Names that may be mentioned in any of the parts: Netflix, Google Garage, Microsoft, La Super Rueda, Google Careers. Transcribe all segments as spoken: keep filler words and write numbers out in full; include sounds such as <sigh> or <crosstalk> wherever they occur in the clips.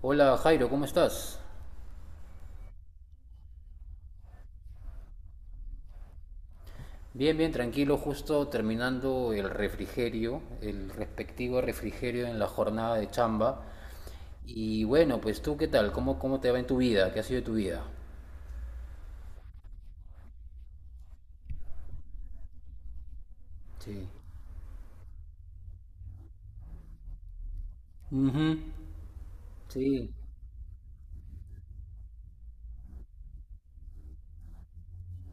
Hola Jairo, ¿cómo estás? Bien, bien, tranquilo, justo terminando el refrigerio, el respectivo refrigerio en la jornada de chamba. Y bueno, pues tú, ¿qué tal? ¿Cómo, cómo te va en tu vida? ¿Qué ha sido de tu vida? Sí. Ujú, sí.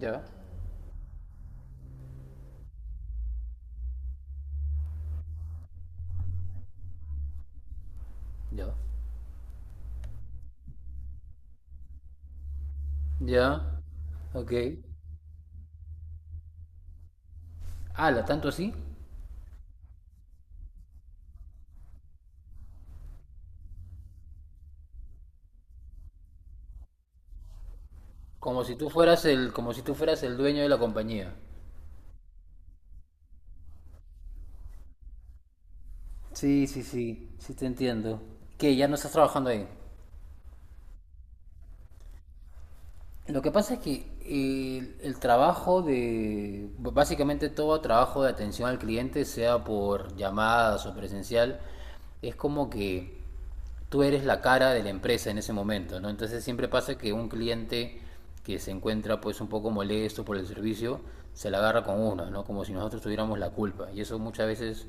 Ya, ya, ya. Ok. Ala, ¿tanto así? Como si tú fueras el, como si tú fueras el dueño de la compañía. Sí, sí, sí, sí te entiendo. ¿Qué? ¿Ya no estás trabajando ahí? Lo que pasa es que eh, el trabajo de, básicamente todo trabajo de atención al cliente, sea por llamadas o presencial, es como que tú eres la cara de la empresa en ese momento, ¿no? Entonces siempre pasa que un cliente que se encuentra pues un poco molesto por el servicio, se la agarra con uno, ¿no? Como si nosotros tuviéramos la culpa. Y eso muchas veces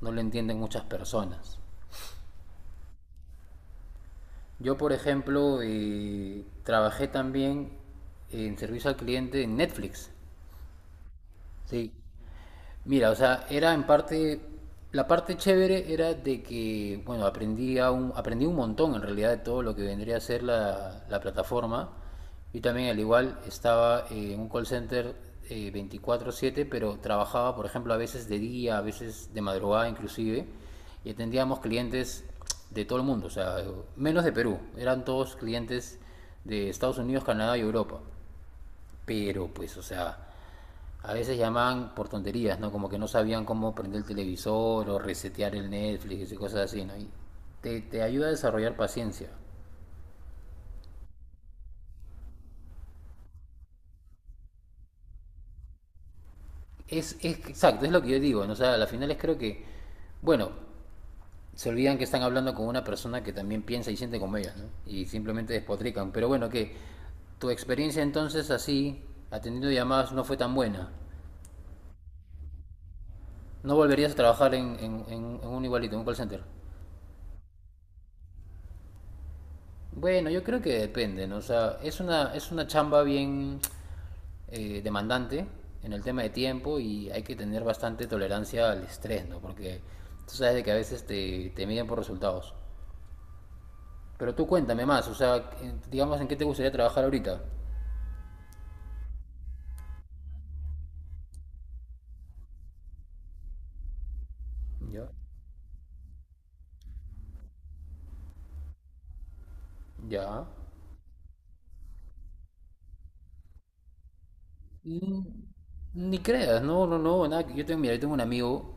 no lo entienden muchas personas. Yo, por ejemplo, eh, trabajé también en servicio al cliente en Netflix. Sí. Mira, o sea, era en parte, la parte chévere era de que, bueno, aprendí, a un, aprendí un montón en realidad de todo lo que vendría a ser la, la plataforma. Y también al igual estaba eh, en un call center eh, veinticuatro siete, pero trabajaba, por ejemplo, a veces de día, a veces de madrugada inclusive, y atendíamos clientes de todo el mundo, o sea, menos de Perú, eran todos clientes de Estados Unidos, Canadá y Europa. Pero pues, o sea, a veces llamaban por tonterías, ¿no? Como que no sabían cómo prender el televisor o resetear el Netflix y cosas así, ¿no? Y te, te ayuda a desarrollar paciencia. Es, es exacto, es lo que yo digo, ¿no? O sea, a las finales creo que, bueno, se olvidan que están hablando con una persona que también piensa y siente como ellas, ¿no? Y simplemente despotrican. Pero bueno, que tu experiencia entonces así, atendiendo llamadas, no fue tan buena. ¿No volverías a trabajar en, en- en- un igualito, en un call center? Bueno, yo creo que depende, ¿no? O sea, es una, es una chamba bien eh, demandante en el tema de tiempo y hay que tener bastante tolerancia al estrés, ¿no? Porque tú sabes de que a veces te, te miden por resultados. Pero tú cuéntame más, o sea, en- digamos en qué te gustaría trabajar ahorita. Ya. Ya. Mm, Ni creas, no, no, no, nada. que- Yo tengo, mira, yo tengo un amigo,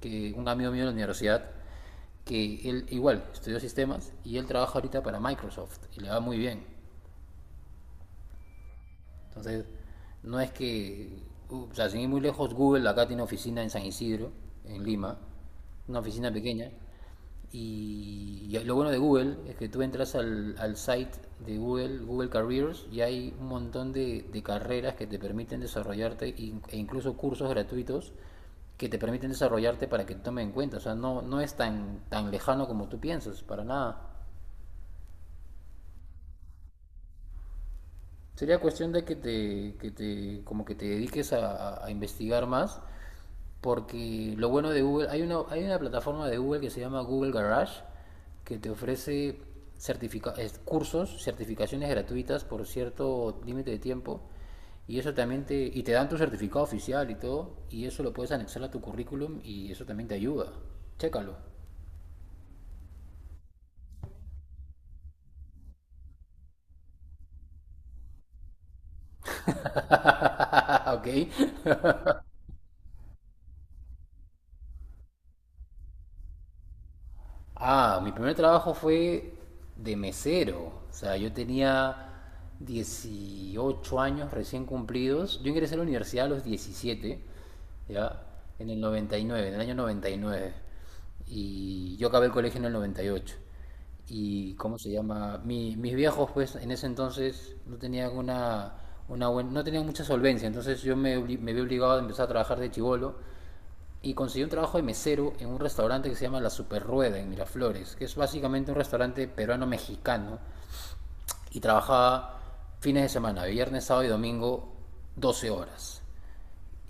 que, un amigo mío de la universidad, que él igual estudió sistemas y él trabaja ahorita para Microsoft y le va muy bien. Entonces, no es que, uh, o sea, sin ir muy lejos, Google acá tiene oficina en San Isidro, en Lima, una oficina pequeña. Y, y lo bueno de Google es que tú entras al, al site de Google, Google Careers, y hay un montón de, de carreras que te permiten desarrollarte e in- e incluso cursos gratuitos que te permiten desarrollarte para que te tomen en cuenta. O sea, no, no es tan, tan lejano como tú piensas, para nada. Sería cuestión de que te, que te, como que te dediques a, a investigar más, porque lo bueno de Google, hay una, hay una plataforma de Google que se llama Google Garage, que te ofrece certifica- es- cursos, certificaciones gratuitas por cierto límite de tiempo, y eso también te, y te dan tu certificado oficial y todo, y eso lo puedes anexar a tu currículum y eso también te ayuda. Chécalo. <laughs> Ok. Ah, mi primer trabajo fue de mesero. O sea, yo tenía dieciocho años recién cumplidos. Yo ingresé a la universidad a los diecisiete, ¿ya? En el noventa y nueve, en el año noventa y nueve, y yo acabé el colegio en el noventa y ocho. Y ¿cómo se llama? Mi- mis viejos, pues, en ese entonces no tenían una, una buen- no tenían mucha solvencia. Entonces yo me, obli- me vi obligado a empezar a trabajar de chivolo y conseguí un trabajo de mesero en un restaurante que se llama La Super Rueda en Miraflores, que es básicamente un restaurante peruano-mexicano y trabajaba fines de semana, viernes, sábado y domingo, doce horas.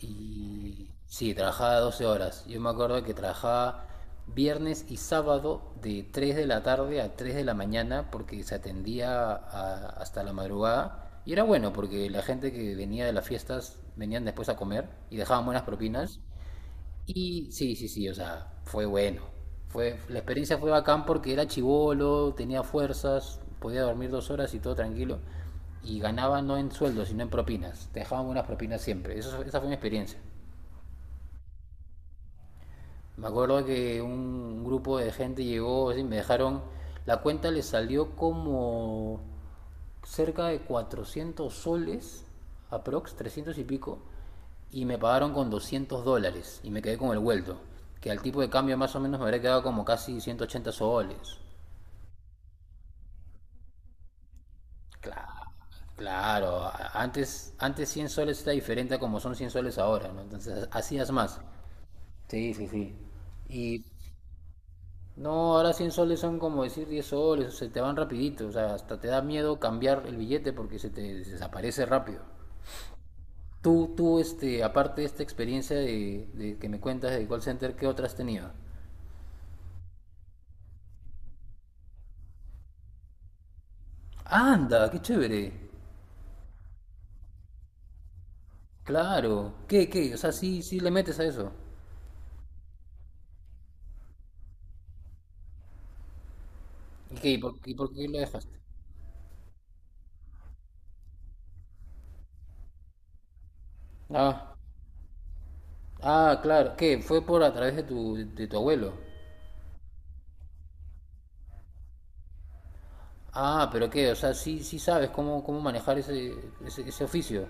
Y sí, trabajaba doce horas. Yo me acuerdo que trabajaba viernes y sábado de tres de la tarde a tres de la mañana porque se atendía a- hasta la madrugada. Y era bueno porque la gente que venía de las fiestas venían después a comer y dejaban buenas propinas. Y sí, sí, sí, o sea, fue bueno. Fue, la experiencia fue bacán porque era chivolo, tenía fuerzas, podía dormir dos horas y todo tranquilo. Y ganaba no en sueldo, sino en propinas. Te dejaban buenas propinas siempre. Eso, esa fue mi experiencia. Me acuerdo que un grupo de gente llegó, así, me dejaron, la cuenta les salió como cerca de cuatrocientos soles, aprox, trescientos y pico, y me pagaron con doscientos dólares y me quedé con el vuelto, que al tipo de cambio más o menos me habría quedado como casi ciento ochenta soles. Claro, claro, a- antes, antes cien soles está diferente a como son cien soles ahora, ¿no? Entonces hacías más. Sí, sí, sí. No, ahora cien soles son como decir diez soles, o se te van rapidito, o sea, hasta te da miedo cambiar el billete porque se te desaparece rápido. Tú, tú, este, aparte de esta experiencia de, de que me cuentas de call center, ¿qué otras has tenido? Anda, qué chévere. Claro. ¿Qué, qué? O sea, sí, sí le metes a eso. ¿Y qué? ¿Y por, y por qué lo dejaste? Ah, ah, claro. ¿Qué? Fue por a través de tu, de tu abuelo. Ah, pero qué, o sea, sí, sí sabes cómo, cómo manejar ese, ese, ese oficio.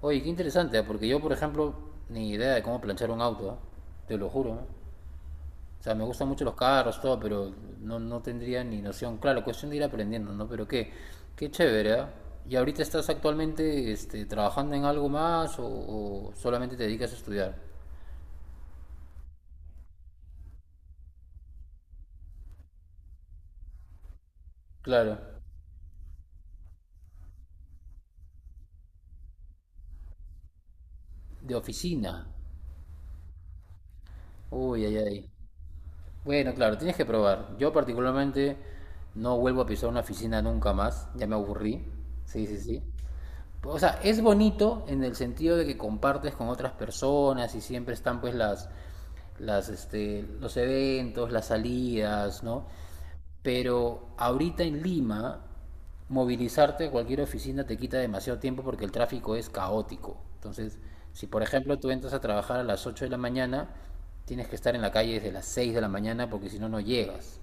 Oye, qué interesante, ¿eh? Porque yo, por ejemplo, ni idea de cómo planchar un auto, ¿eh? Te lo juro. ¿Eh? O sea, me gustan mucho los carros, todo, pero no, no tendría ni noción. Claro, cuestión de ir aprendiendo, ¿no? Pero qué, qué, chévere, ¿ah? ¿Y ahorita estás actualmente este, trabajando en algo más o, o solamente te dedicas a estudiar? Claro, de oficina. Uy, ay, ay. Bueno, claro, tienes que probar. Yo particularmente no vuelvo a pisar una oficina nunca más, ya me aburrí. Sí, sí, sí. O sea, es bonito en el sentido de que compartes con otras personas y siempre están pues las, las, este, los eventos, las salidas, ¿no? Pero ahorita en Lima, movilizarte a cualquier oficina te quita demasiado tiempo porque el tráfico es caótico. Entonces, si por ejemplo tú entras a trabajar a las ocho de la mañana, tienes que estar en la calle desde las seis de la mañana porque si no, no llegas.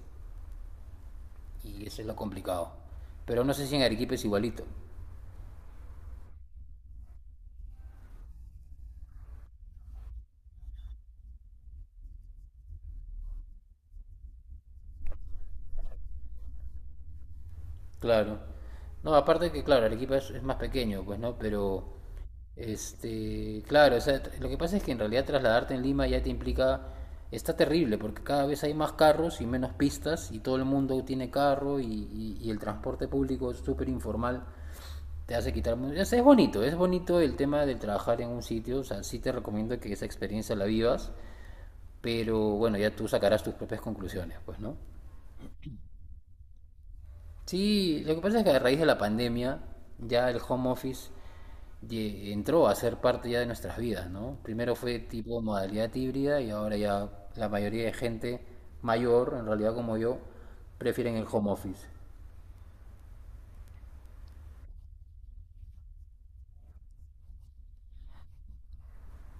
Y eso es lo complicado. Pero no sé si en Arequipa es igualito. Claro. No, aparte que, claro, Arequipa es, es más pequeño, pues, ¿no? Pero, este, claro, o sea, tr- lo que pasa es que en realidad trasladarte en Lima ya te implica, está terrible, porque cada vez hay más carros y menos pistas, y todo el mundo tiene carro, y, y- y el transporte público es súper informal, te hace quitar... mu- o es bonito, es bonito el tema del trabajar en un sitio, o sea, sí te recomiendo que esa experiencia la vivas, pero bueno, ya tú sacarás tus propias conclusiones, pues, ¿no? Sí, lo que pasa es que a raíz de la pandemia ya el home office ye- entró a ser parte ya de nuestras vidas, ¿no? Primero fue tipo modalidad híbrida y ahora ya la mayoría de gente mayor, en realidad como yo, prefieren el home office.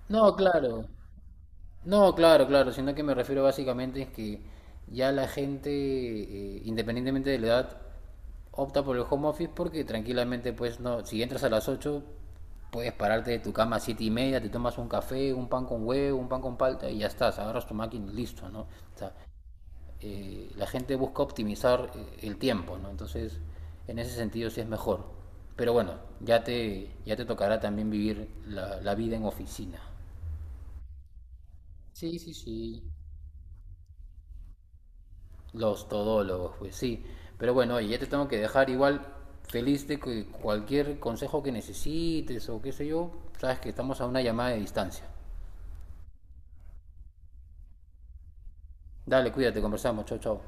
No, claro. No, claro, claro, sino que me refiero básicamente es que ya la gente, eh, independientemente de la edad, opta por el home office porque tranquilamente, pues no, si entras a las ocho puedes pararte de tu cama a siete y media, te tomas un café, un pan con huevo, un pan con palta y ya estás, agarras tu máquina y listo, ¿no? O sea, eh, la gente busca optimizar eh, el tiempo, ¿no? Entonces, en ese sentido sí es mejor. Pero bueno, ya te, ya te tocará también vivir la, la vida en oficina. Sí, sí, sí. Los todólogos, pues sí. Pero bueno, ya te tengo que dejar igual feliz de que cualquier consejo que necesites o qué sé yo, sabes que estamos a una llamada de distancia. Dale, cuídate, conversamos, chao, chao.